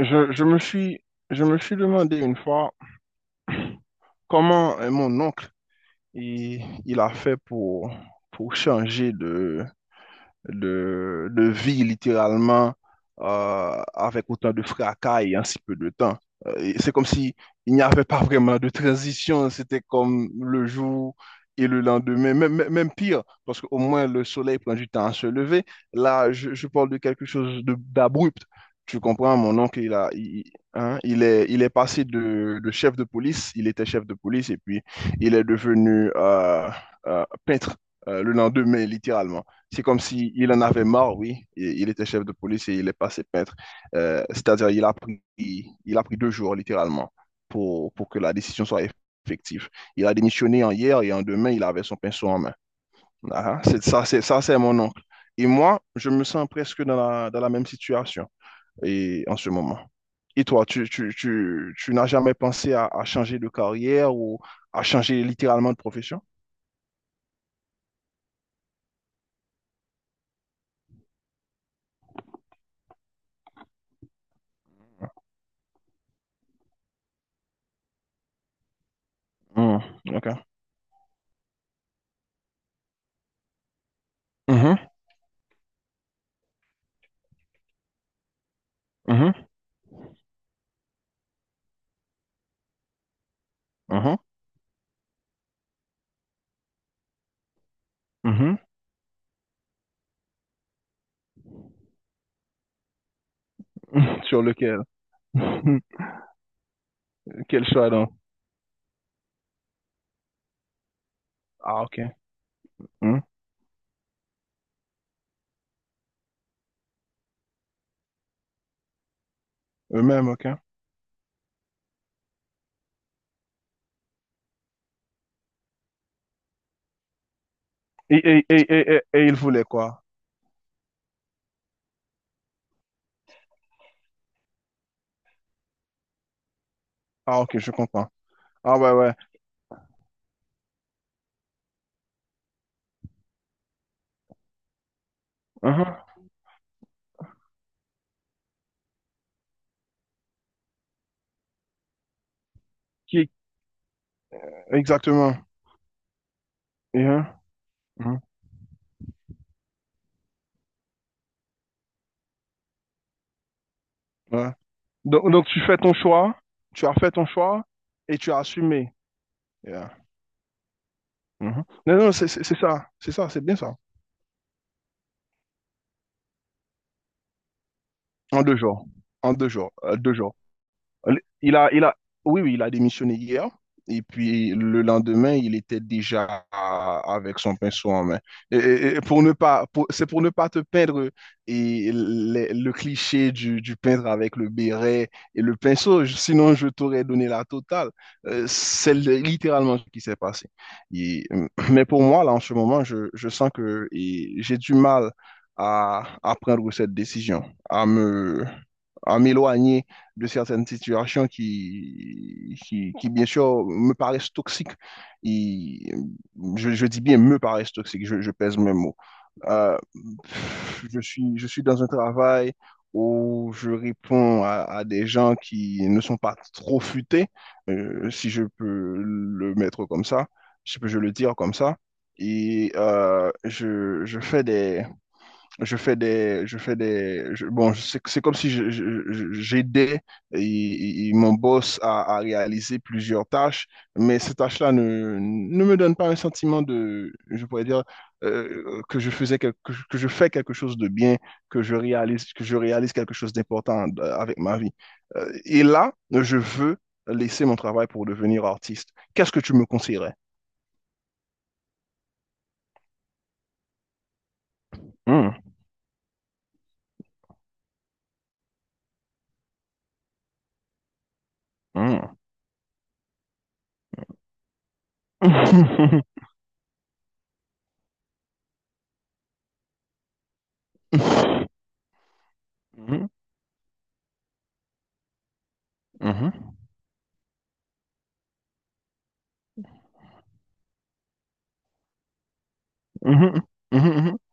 Je, je me suis, je me suis demandé une fois comment mon oncle il a fait pour changer de vie littéralement, avec autant de fracas et en si peu de temps. Et c'est comme si il n'y avait pas vraiment de transition, c'était comme le jour et le lendemain, même pire, parce qu'au moins le soleil prend du temps à se lever. Là, je parle de quelque chose d'abrupt. Tu comprends, mon oncle, hein, il est passé de chef de police, il était chef de police, et puis il est devenu peintre, le lendemain, littéralement. C'est comme s'il il en avait marre, oui. Et il était chef de police et il est passé peintre. C'est-à-dire, il a pris deux jours, littéralement, pour que la décision soit effective. Il a démissionné en hier et en demain, il avait son pinceau en main. Ah, c'est ça, c'est ça, c'est mon oncle. Et moi, je me sens presque dans la même situation et en ce moment. Et toi, tu n'as jamais pensé à changer de carrière ou à changer littéralement de profession? Hmm, ok. Mhm, mhm, mhm, mhm, mhm. Sur lequel? Quel choix donc? Ah, ok. Hmm. Eux-mêmes, ok. Et ils voulaient quoi? Ah, ok, je comprends. Ah, ouais, ouais. Hein, hein. Qui- Exactement. Et, hein, hein, ouais. Donc, tu fais ton choix, tu as fait ton choix et tu as assumé. Yeah. Mhm. Non, non, c'est ça, c'est ça, c'est bien ça. En deux jours. En deux jours. Deux jours. Il a, il a, oui, oui, il a démissionné hier. Et puis le lendemain, il était déjà avec son pinceau en main. Et pour ne pas, c'est pour ne pas te peindre et le cliché du peintre avec le béret et le pinceau. Sinon, je t'aurais donné la totale. C'est littéralement ce qui s'est passé. Mais pour moi, là, en ce moment, je sens que et j'ai du mal à prendre cette décision, à m'éloigner de certaines situations qui, bien sûr, me paraissent toxiques. Et je dis bien me paraissent toxiques, je pèse mes mots. Euh, je suis dans un travail où je réponds à des gens qui ne sont pas trop futés, si je peux le mettre comme ça, si je peux je le dire comme ça. Et euh, je, je, fais des, bon, c'est comme si j'aidais et mon boss à réaliser plusieurs tâches, mais ces tâches-là ne me donnent pas un sentiment de, je pourrais dire, que je fais quelque chose de bien, que je réalise quelque chose d'important, avec ma vie. Et là, je veux laisser mon travail pour devenir artiste. Qu'est-ce que tu me conseillerais? Hmm, hmm. Mhm, mhm, mhm, mhm, mhm, mhm.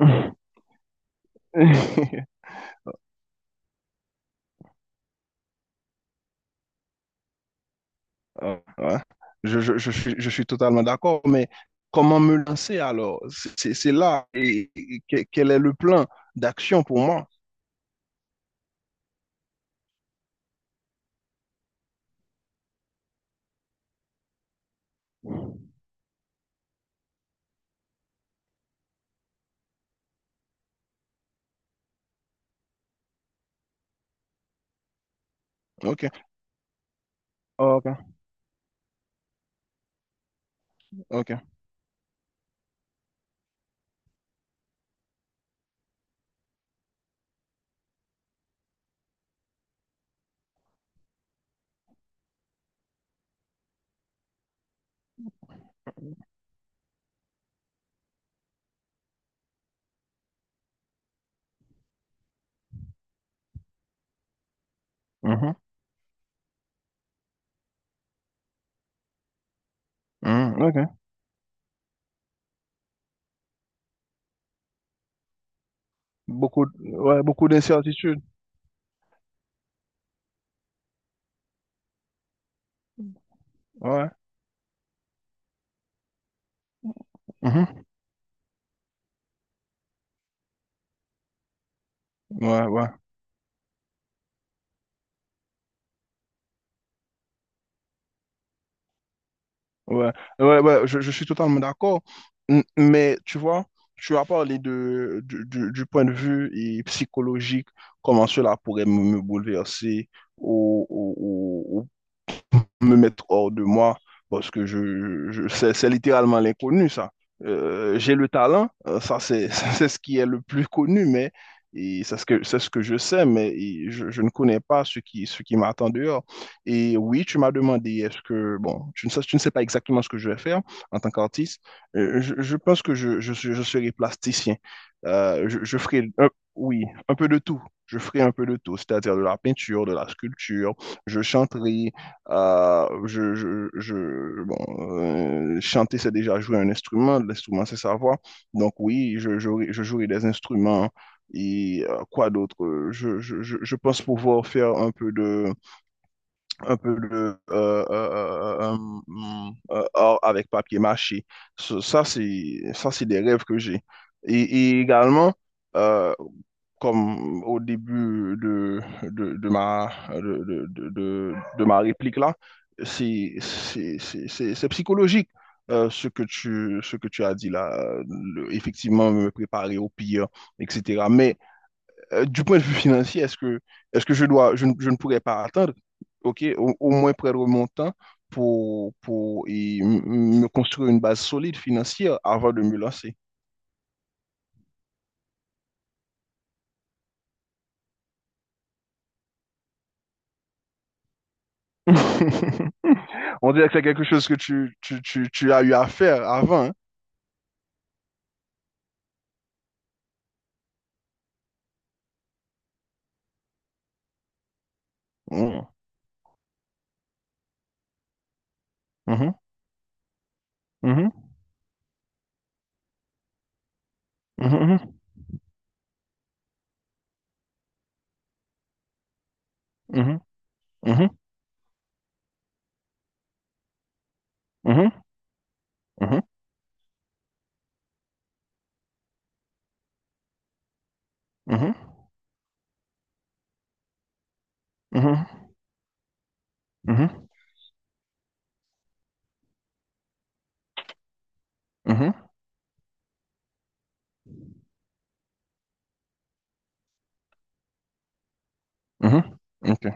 Ouais. Je suis totalement d'accord, mais comment me lancer alors? C'est là. Et quel est le plan d'action pour moi? OK. OK. OK. Mhm. Mhm. OK. Ouais, beaucoup d'incertitudes. Ouais. Mhm. Ouais, ouais. Ouais. Ouais, ouais, je suis totalement d'accord. Mais tu vois, tu as parlé de, du point de vue et psychologique, comment cela pourrait me bouleverser. Ou me mettre hors de moi parce que c'est littéralement l'inconnu, ça. J'ai le talent, ça c'est c'est ce qui est le plus connu, mais c'est ce que je sais, mais je ne connais pas ce qui m'attend dehors. Et oui, tu m'as demandé, est-ce que, bon, tu ne sais pas exactement ce que je vais faire en tant qu'artiste. Je pense que je serai plasticien. Je ferai, un peu de tout. Je ferai un peu de tout, c'est-à-dire de la peinture, de la sculpture, je chanterai, bon, chanter, c'est déjà jouer un instrument. L'instrument, c'est sa voix. Donc oui, je jouerai des instruments. Quoi d'autre? Je pense pouvoir faire un peu de, un peu de art avec papier mâché. Ça, c'est des rêves que j'ai. Et, et également, euh, comme au début de- ma réplique là, c'est psychologique, ce que tu as dit là, effectivement me préparer au pire, etc. Mais du point de vue financier, est-ce que je dois, je ne pourrais pas attendre, ok, au moins prendre mon temps pour me construire une base solide financière avant de me lancer? On dirait que c'est quelque chose que tu as eu à faire avant, hein. Mhm, mhm, mhm, mhm, mhm, mhm, mhm, mhm, mhm, mhm, mhm, mhm. Ok.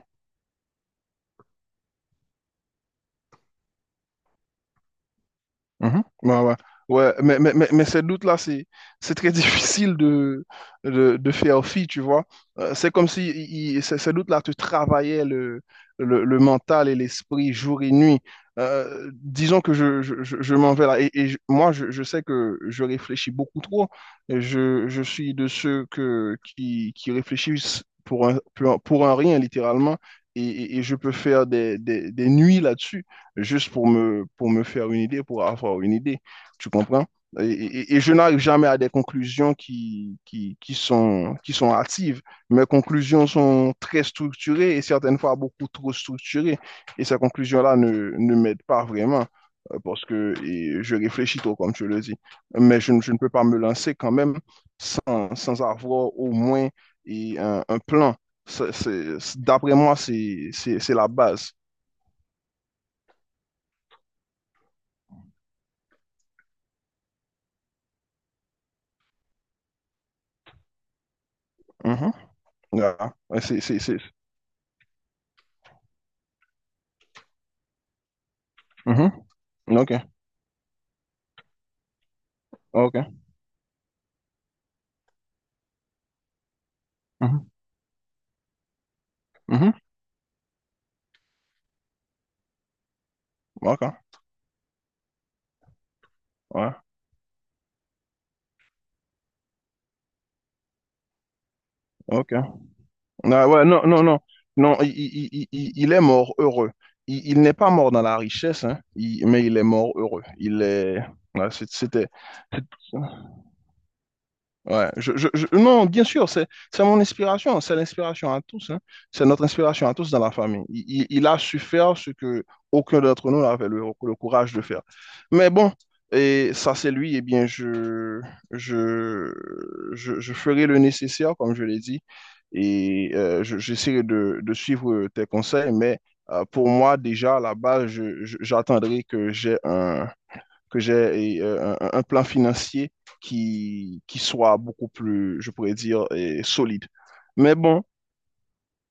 Mhm. Ouais, ouais. Ouais, mais ces doutes-là, c'est très difficile de faire fi, tu vois. C'est comme si ces doutes-là te travaillaient le mental et l'esprit jour et nuit. Disons que je m'en vais là. Moi, je sais que je réfléchis beaucoup trop. Et je suis de ceux qui réfléchissent pour un rien, littéralement. Et je peux faire des nuits là-dessus juste pour me faire une idée, pour avoir une idée. Tu comprends? Et je n'arrive jamais à des conclusions qui sont hâtives. Mes conclusions sont très structurées et certaines fois beaucoup trop structurées. Et ces conclusions-là ne m'aident pas vraiment, parce que je réfléchis trop, comme tu le dis. Mais je ne peux pas me lancer quand même sans avoir au moins un plan. D'après moi, c'est la base. Mhm. Yeah. I see, see, see. Mm-hmm. Okay. Okay. Mm-hmm. Mm-hmm. Okay. Ouais. Ok. Ouais, ouais, non, non, non. Non, il est mort heureux. Il n'est pas mort dans la richesse, hein, mais il est mort heureux. Il est. Ouais, c'était. Ouais, non, bien sûr, c'est mon inspiration, c'est l'inspiration à tous, hein. C'est notre inspiration à tous dans la famille. Il a su faire ce que aucun d'entre nous n'avait le courage de faire. Mais bon, et ça c'est lui, et bien je, je ferai le nécessaire, comme je l'ai dit, j'essaierai de suivre tes conseils, mais pour moi, déjà, à la base, j'attendrai que j'ai un plan financier qui soit beaucoup plus, je pourrais dire, solide. Mais bon,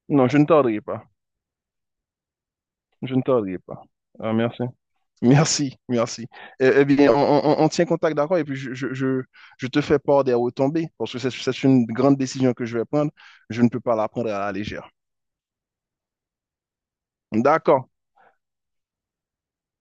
non, je ne tarderai pas. Je ne tarderai pas. Ah, merci. Merci, merci. Eh bien, on tient contact, d'accord? Et puis, je te fais part des retombées, parce que c'est une grande décision que je vais prendre. Je ne peux pas la prendre à la légère. D'accord.